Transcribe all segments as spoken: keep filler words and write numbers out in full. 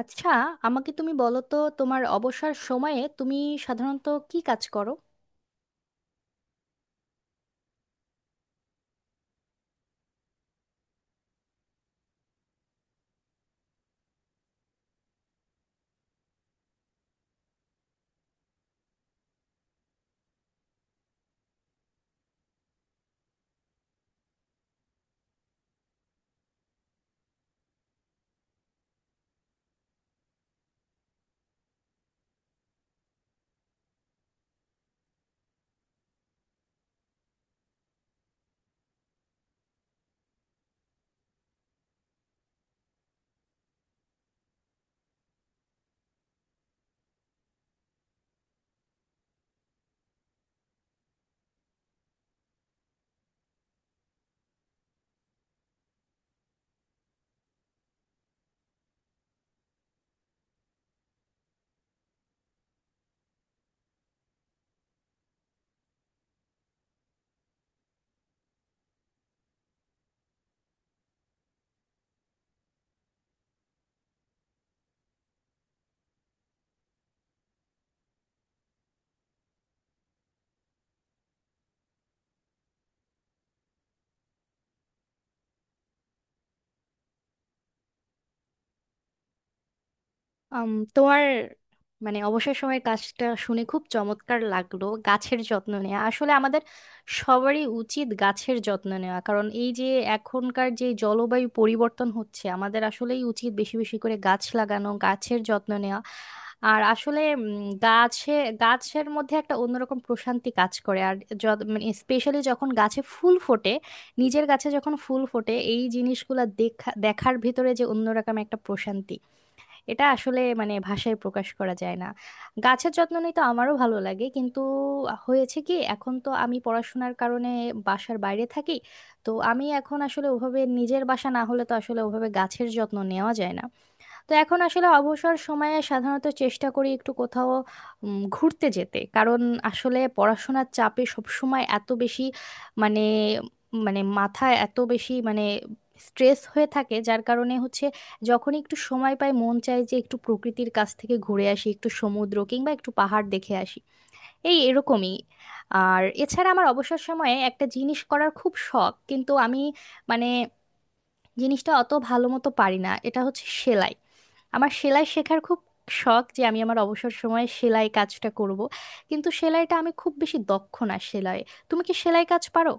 আচ্ছা, আমাকে তুমি বলো তো তোমার অবসর সময়ে তুমি সাধারণত কি কাজ করো? আম, তোমার মানে অবসর সময়ের কাজটা শুনে খুব চমৎকার লাগলো। গাছের যত্ন নেওয়া আসলে আমাদের সবারই উচিত গাছের যত্ন নেওয়া, কারণ এই যে এখনকার যে জলবায়ু পরিবর্তন হচ্ছে, আমাদের আসলেই উচিত বেশি বেশি করে গাছ লাগানো, গাছের যত্ন নেওয়া। আর আসলে উম, গাছে গাছের মধ্যে একটা অন্যরকম প্রশান্তি কাজ করে। আর যত মানে স্পেশালি যখন গাছে ফুল ফোটে, নিজের গাছে যখন ফুল ফোটে, এই জিনিসগুলা দেখা দেখার ভিতরে যে অন্যরকম একটা প্রশান্তি, এটা আসলে মানে ভাষায় প্রকাশ করা যায় না। গাছের যত্ন নিতে আমারও ভালো লাগে, কিন্তু হয়েছে কি, এখন তো আমি পড়াশোনার কারণে বাসার বাইরে থাকি। তো আমি এখন আসলে ওভাবে, নিজের বাসা না হলে তো আসলে ওভাবে গাছের যত্ন নেওয়া যায় না। তো এখন আসলে অবসর সময়ে সাধারণত চেষ্টা করি একটু কোথাও উম, ঘুরতে যেতে, কারণ আসলে পড়াশোনার চাপে সবসময় এত বেশি মানে মানে মাথায় এত বেশি মানে স্ট্রেস হয়ে থাকে, যার কারণে হচ্ছে যখনই একটু সময় পাই মন চায় যে একটু প্রকৃতির কাছ থেকে ঘুরে আসি, একটু সমুদ্র কিংবা একটু পাহাড় দেখে আসি, এই এরকমই। আর এছাড়া আমার অবসর সময়ে একটা জিনিস করার খুব শখ, কিন্তু আমি মানে জিনিসটা অত ভালো মতো পারি না, এটা হচ্ছে সেলাই। আমার সেলাই শেখার খুব শখ যে আমি আমার অবসর সময়ে সেলাই কাজটা করব, কিন্তু সেলাইটা আমি খুব বেশি দক্ষ না সেলাই। তুমি কি সেলাই কাজ পারো?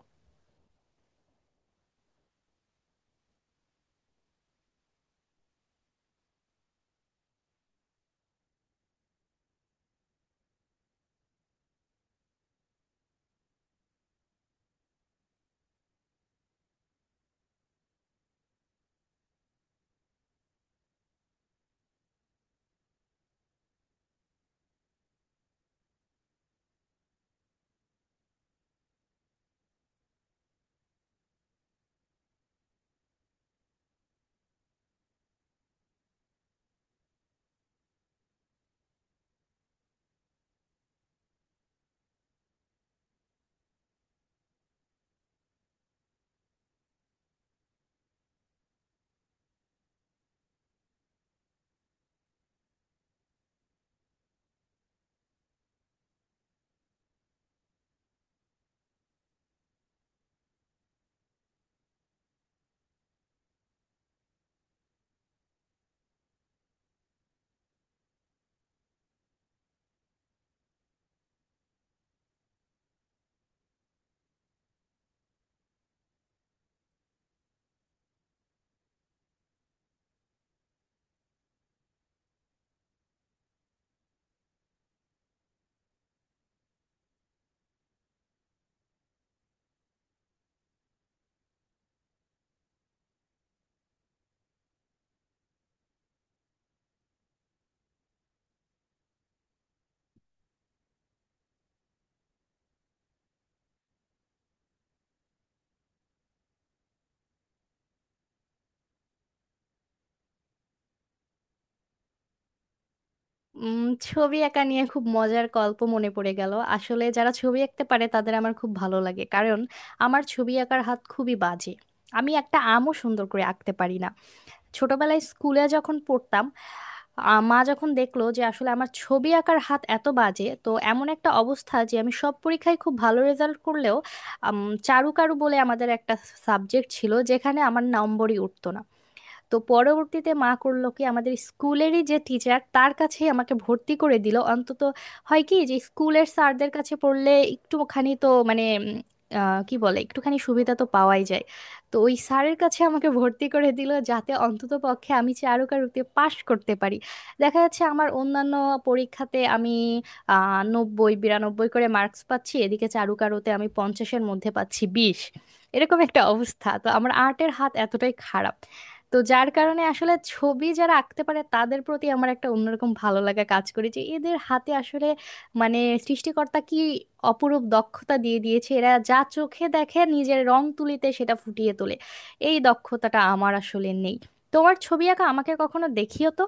উম, ছবি আঁকা নিয়ে খুব মজার গল্প মনে পড়ে গেল। আসলে যারা ছবি আঁকতে পারে তাদের আমার খুব ভালো লাগে, কারণ আমার ছবি আঁকার হাত খুবই বাজে। আমি একটা আমও সুন্দর করে আঁকতে পারি না। ছোটবেলায় স্কুলে যখন পড়তাম, আ- মা যখন দেখলো যে আসলে আমার ছবি আঁকার হাত এত বাজে, তো এমন একটা অবস্থা যে আমি সব পরীক্ষায় খুব ভালো রেজাল্ট করলেও আম, চারুকারু বলে আমাদের একটা সাবজেক্ট ছিল যেখানে আমার নম্বরই উঠতো না। তো পরবর্তীতে মা করলো কি, আমাদের স্কুলেরই যে টিচার তার কাছেই আমাকে ভর্তি করে দিল। অন্তত হয় কি, যে স্কুলের স্যারদের কাছে পড়লে একটুখানি তো মানে উম, আহ, কি বলে, একটুখানি সুবিধা তো পাওয়াই যায়। তো ওই স্যারের কাছে আমাকে ভর্তি করে দিল যাতে অন্তত পক্ষে আমি চারুকারুতে পাশ করতে পারি। দেখা যাচ্ছে আমার অন্যান্য পরীক্ষাতে আমি আহ নব্বই বিরানব্বই করে মার্কস পাচ্ছি, এদিকে চারুকারুতে আমি পঞ্চাশের মধ্যে পাচ্ছি বিশ, এরকম একটা অবস্থা। তো আমার আর্টের হাত এতটাই খারাপ, তো যার কারণে আসলে ছবি যারা আঁকতে পারে তাদের প্রতি আমার একটা অন্যরকম ভালো লাগা কাজ করে যে এদের হাতে আসলে মানে সৃষ্টিকর্তা কি অপরূপ দক্ষতা দিয়ে দিয়েছে, এরা যা চোখে দেখে নিজের রং তুলিতে সেটা ফুটিয়ে তোলে। এই দক্ষতাটা আমার আসলে নেই। তোমার ছবি আঁকা আমাকে কখনো দেখিও তো।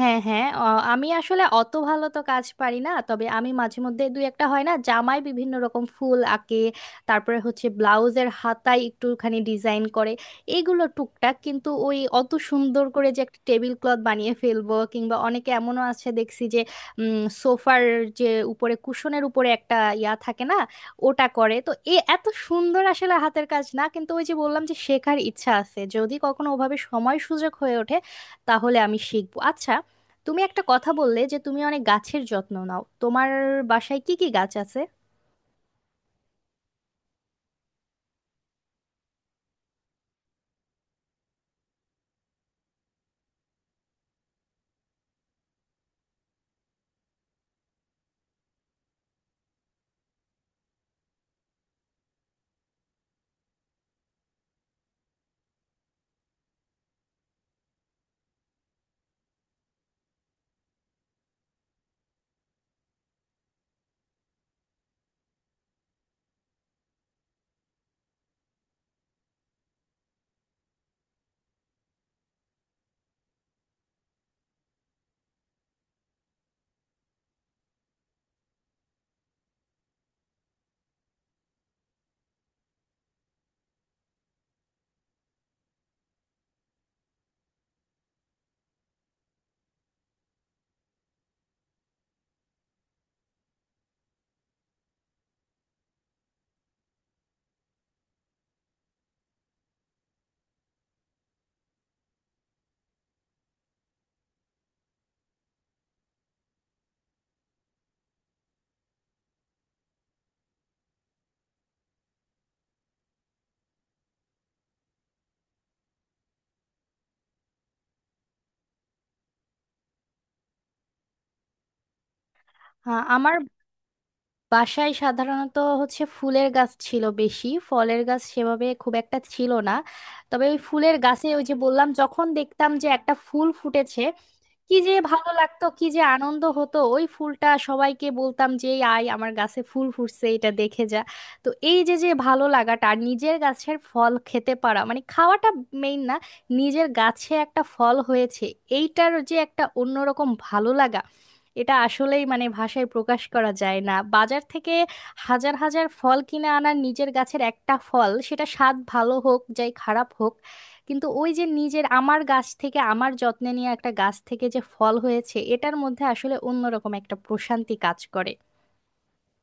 হ্যাঁ হ্যাঁ অ- আমি আসলে অত ভালো তো কাজ পারি না, তবে আমি মাঝে মধ্যে দুই একটা, হয় না, জামায় বিভিন্ন রকম ফুল আঁকে, তারপরে হচ্ছে ব্লাউজের হাতায় একটুখানি ডিজাইন করে, এগুলো টুকটাক। কিন্তু ওই অত সুন্দর করে যে একটা টেবিল ক্লথ বানিয়ে ফেলবো, কিংবা অনেকে এমনও আছে দেখছি যে সোফার যে উপরে কুশনের উপরে একটা ইয়া থাকে না, ওটা করে, তো এ এত সুন্দর আসলে হাতের কাজ না। কিন্তু ওই যে বললাম যে শেখার ইচ্ছা আছে, যদি কখনো ওভাবে সময় সুযোগ হয়ে ওঠে তাহলে আমি শিখবো। আচ্ছা, তুমি একটা কথা বললে যে তুমি অনেক গাছের যত্ন নাও, তোমার বাসায় কি কি গাছ আছে? হ্যাঁ, আমার বাসায় সাধারণত হচ্ছে ফুলের গাছ ছিল বেশি, ফলের গাছ সেভাবে খুব একটা ছিল না। তবে ওই ফুলের গাছে, ওই যে বললাম, যখন দেখতাম যে একটা ফুল ফুটেছে, কি যে ভালো লাগতো, কি যে আনন্দ হতো, ওই ফুলটা সবাইকে বলতাম যে "এই আয় আমার গাছে ফুল ফুটছে, এটা দেখে যা।" তো এই যে যে ভালো লাগাটা, আর নিজের গাছের ফল খেতে পারা, মানে খাওয়াটা মেইন না, নিজের গাছে একটা ফল হয়েছে এইটার যে একটা অন্যরকম ভালো লাগা, এটা আসলেই মানে ভাষায় প্রকাশ করা যায় না। বাজার থেকে হাজার হাজার ফল কিনে আনার, নিজের গাছের একটা ফল সেটা স্বাদ ভালো হোক যাই খারাপ হোক, কিন্তু ওই যে নিজের, আমার গাছ থেকে আমার যত্নে নিয়ে একটা গাছ থেকে যে ফল হয়েছে, এটার মধ্যে আসলে অন্যরকম একটা প্রশান্তি কাজ করে।